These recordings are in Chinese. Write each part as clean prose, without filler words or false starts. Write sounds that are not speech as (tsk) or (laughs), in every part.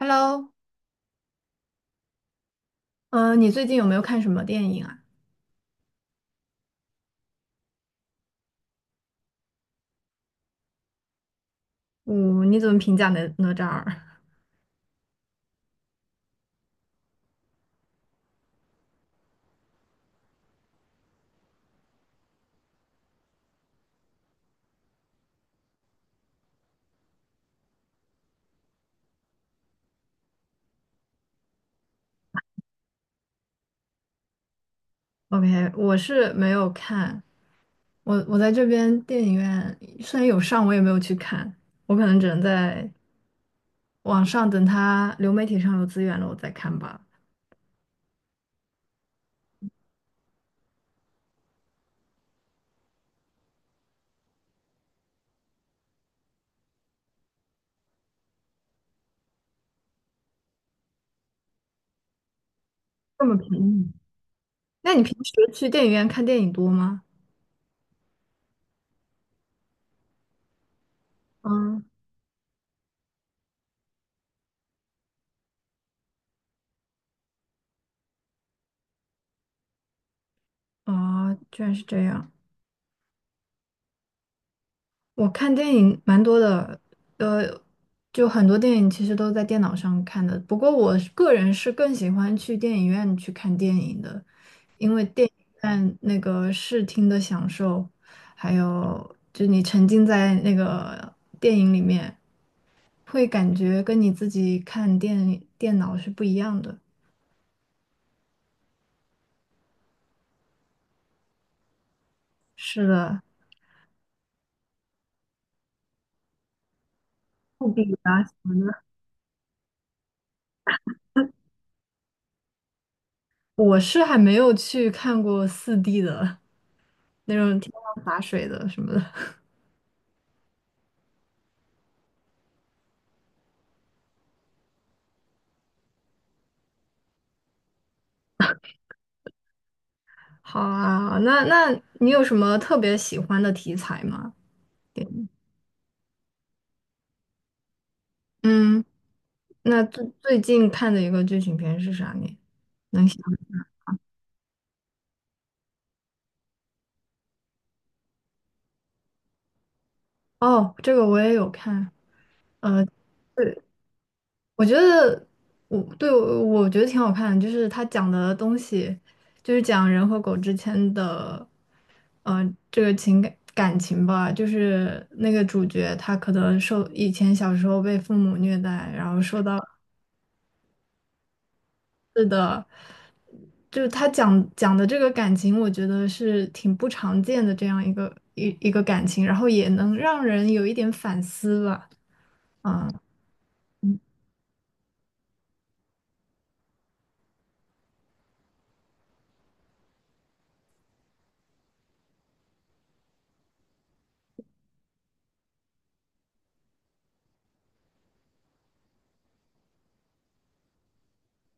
Hello，嗯，你最近有没有看什么电影啊？我，你怎么评价哪吒二？OK，我是没有看，我在这边电影院虽然有上，我也没有去看，我可能只能在网上等它流媒体上有资源了，我再看吧。这么便宜？那你平时去电影院看电影多吗？嗯。哦，居然是这样。我看电影蛮多的，呃，就很多电影其实都在电脑上看的。不过我是个人是更喜欢去电影院去看电影的，因为电影院那个视听的享受，还有就你沉浸在那个电影里面，会感觉跟你自己看电脑是不一样的。是的，复比啊什么的。我是还没有去看过四 d 的 (laughs) 那种天上洒水的什么的。好啊，那你有什么特别喜欢的题材吗？对。嗯，那最近看的一个剧情片是啥呢？能想？哦，这个我也有看。对，我觉得我觉得挺好看的，就是他讲的东西，就是讲人和狗之间的，呃，这个感情吧，就是那个主角他可能受以前小时候被父母虐待，然后受到是的。就是他讲的这个感情，我觉得是挺不常见的这样一个感情，然后也能让人有一点反思吧。啊。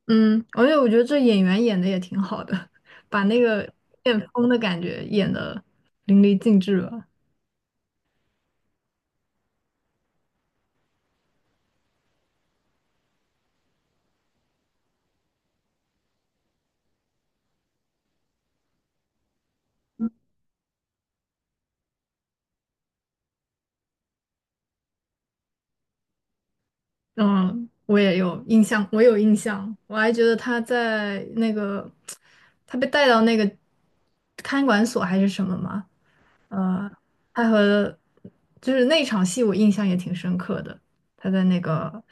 嗯，而且我觉得这演员演的也挺好的，(laughs) 把那个变疯的感觉演的淋漓尽致吧。嗯，我也有印象，我有印象，我还觉得他在那个 (tsk) 他被带到那个看管所还是什么嘛。呃，他和就是那场戏我印象也挺深刻的，他在那个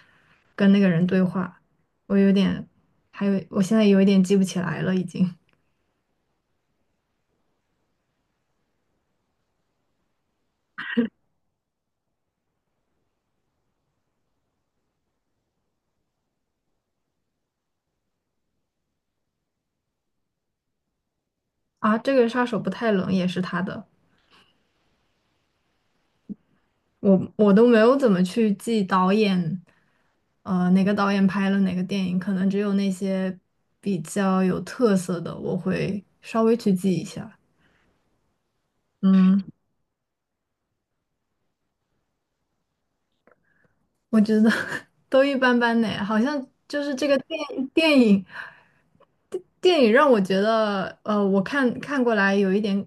跟那个人对话，我有点，还有我现在有一点记不起来了已经。啊，这个杀手不太冷也是他的。我都没有怎么去记导演，哪个导演拍了哪个电影，可能只有那些比较有特色的，我会稍微去记一下。嗯。我觉得 (laughs) 都一般般呢，好像就是这个电影电影让我觉得，我看过来有一点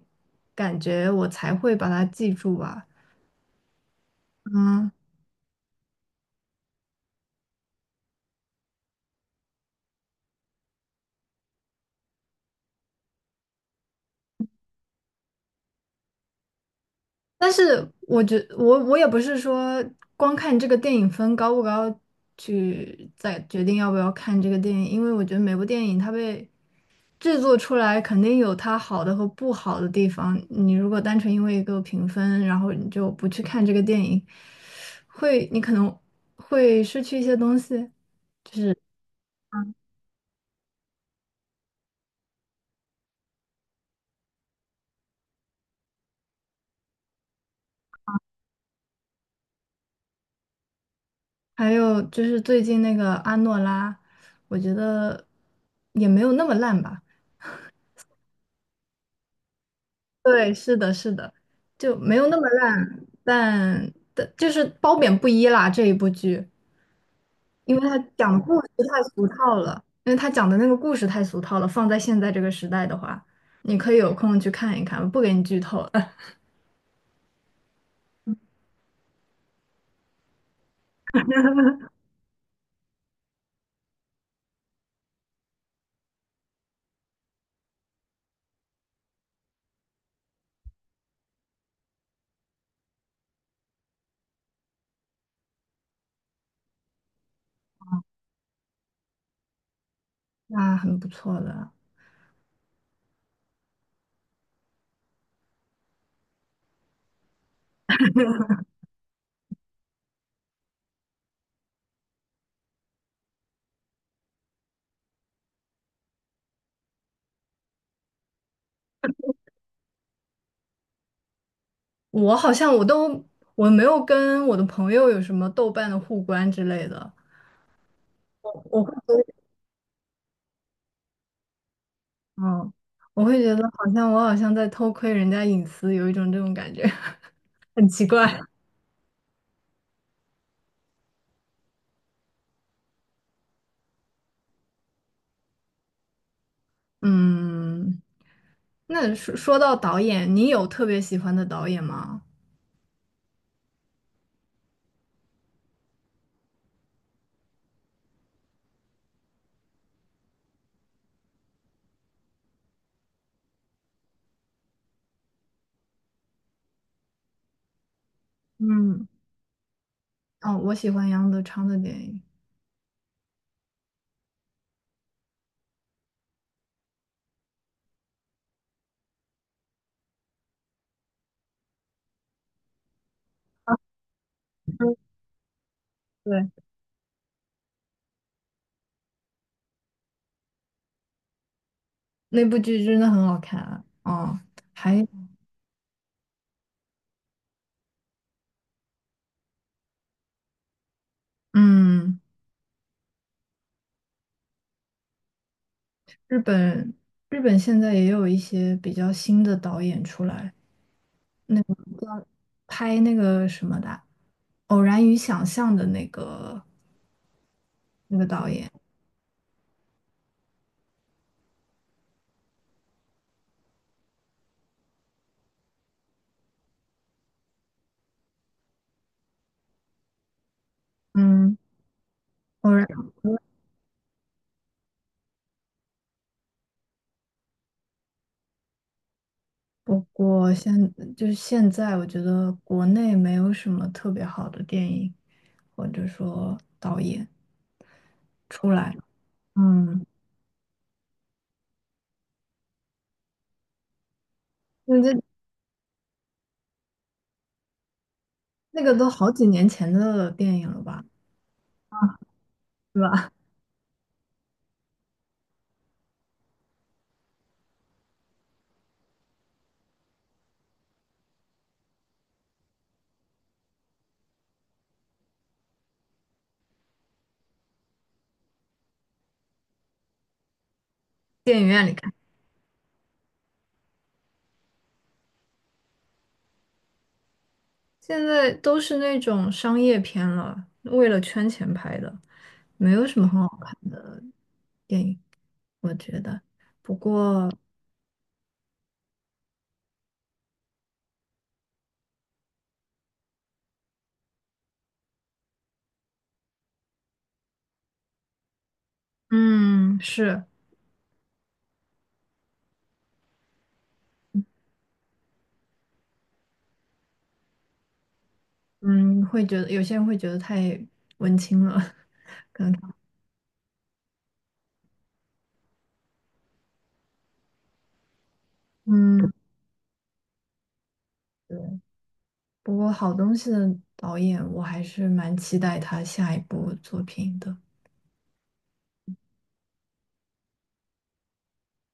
感觉，我才会把它记住吧。嗯，但是我觉我我也不是说光看这个电影分高不高去再决定要不要看这个电影，因为我觉得每部电影它被制作出来肯定有它好的和不好的地方。你如果单纯因为一个评分，然后你就不去看这个电影，会，你可能会失去一些东西。就是还有就是最近那个阿诺拉，我觉得也没有那么烂吧。对，是的，是的，就没有那么烂，但但就是褒贬不一啦。这一部剧，因为他讲的故事太俗套了，因为他讲的那个故事太俗套了，放在现在这个时代的话，你可以有空去看一看，不给你剧透了，(laughs) 那很不错的。我好像我都我没有跟我的朋友有什么豆瓣的互关之类的，我会觉得，嗯，我会觉得好像我好像在偷窥人家隐私，有一种这种感觉，(laughs) 很奇怪。嗯，那说到导演，你有特别喜欢的导演吗？嗯。哦，我喜欢杨德昌的电影。对，那部剧真的很好看啊！哦，还嗯，日本日本现在也有一些比较新的导演出来拍那个什么的啊《偶然与想象》的那个导演，嗯，偶然。不过现就是现在，我觉得国内没有什么特别好的电影或者说导演出来。嗯，那这那个都好几年前的电影了吧，是吧？现在都是那种商业片了，为了圈钱拍的，没有什么很好看的电影，我觉得。不过，嗯，是，嗯，会觉得有些人会觉得太文青了，(laughs) 可能看嗯，对。不过，好东西的导演，我还是蛮期待他下一部作品的。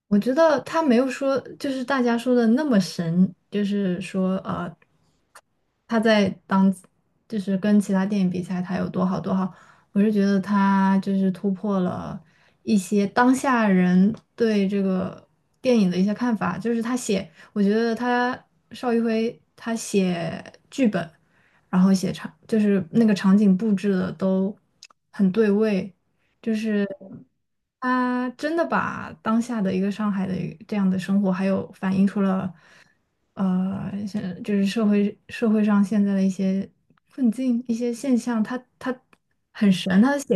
我觉得他没有说，就是大家说的那么神，就是说，他在当，就是跟其他电影比起来，他有多好多好。我是觉得他就是突破了一些当下人对这个电影的一些看法，就是他写，我觉得他邵艺辉他写剧本，然后就是那个场景布置的都很对位，就是。他真的把当下的一个上海的一个这样的生活，还有反映出了，就是社会上现在的一些困境、一些现象，他很神，他的写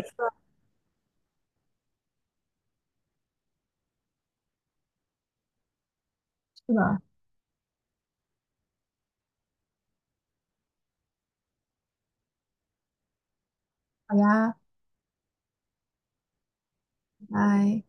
是的。好呀，拜拜。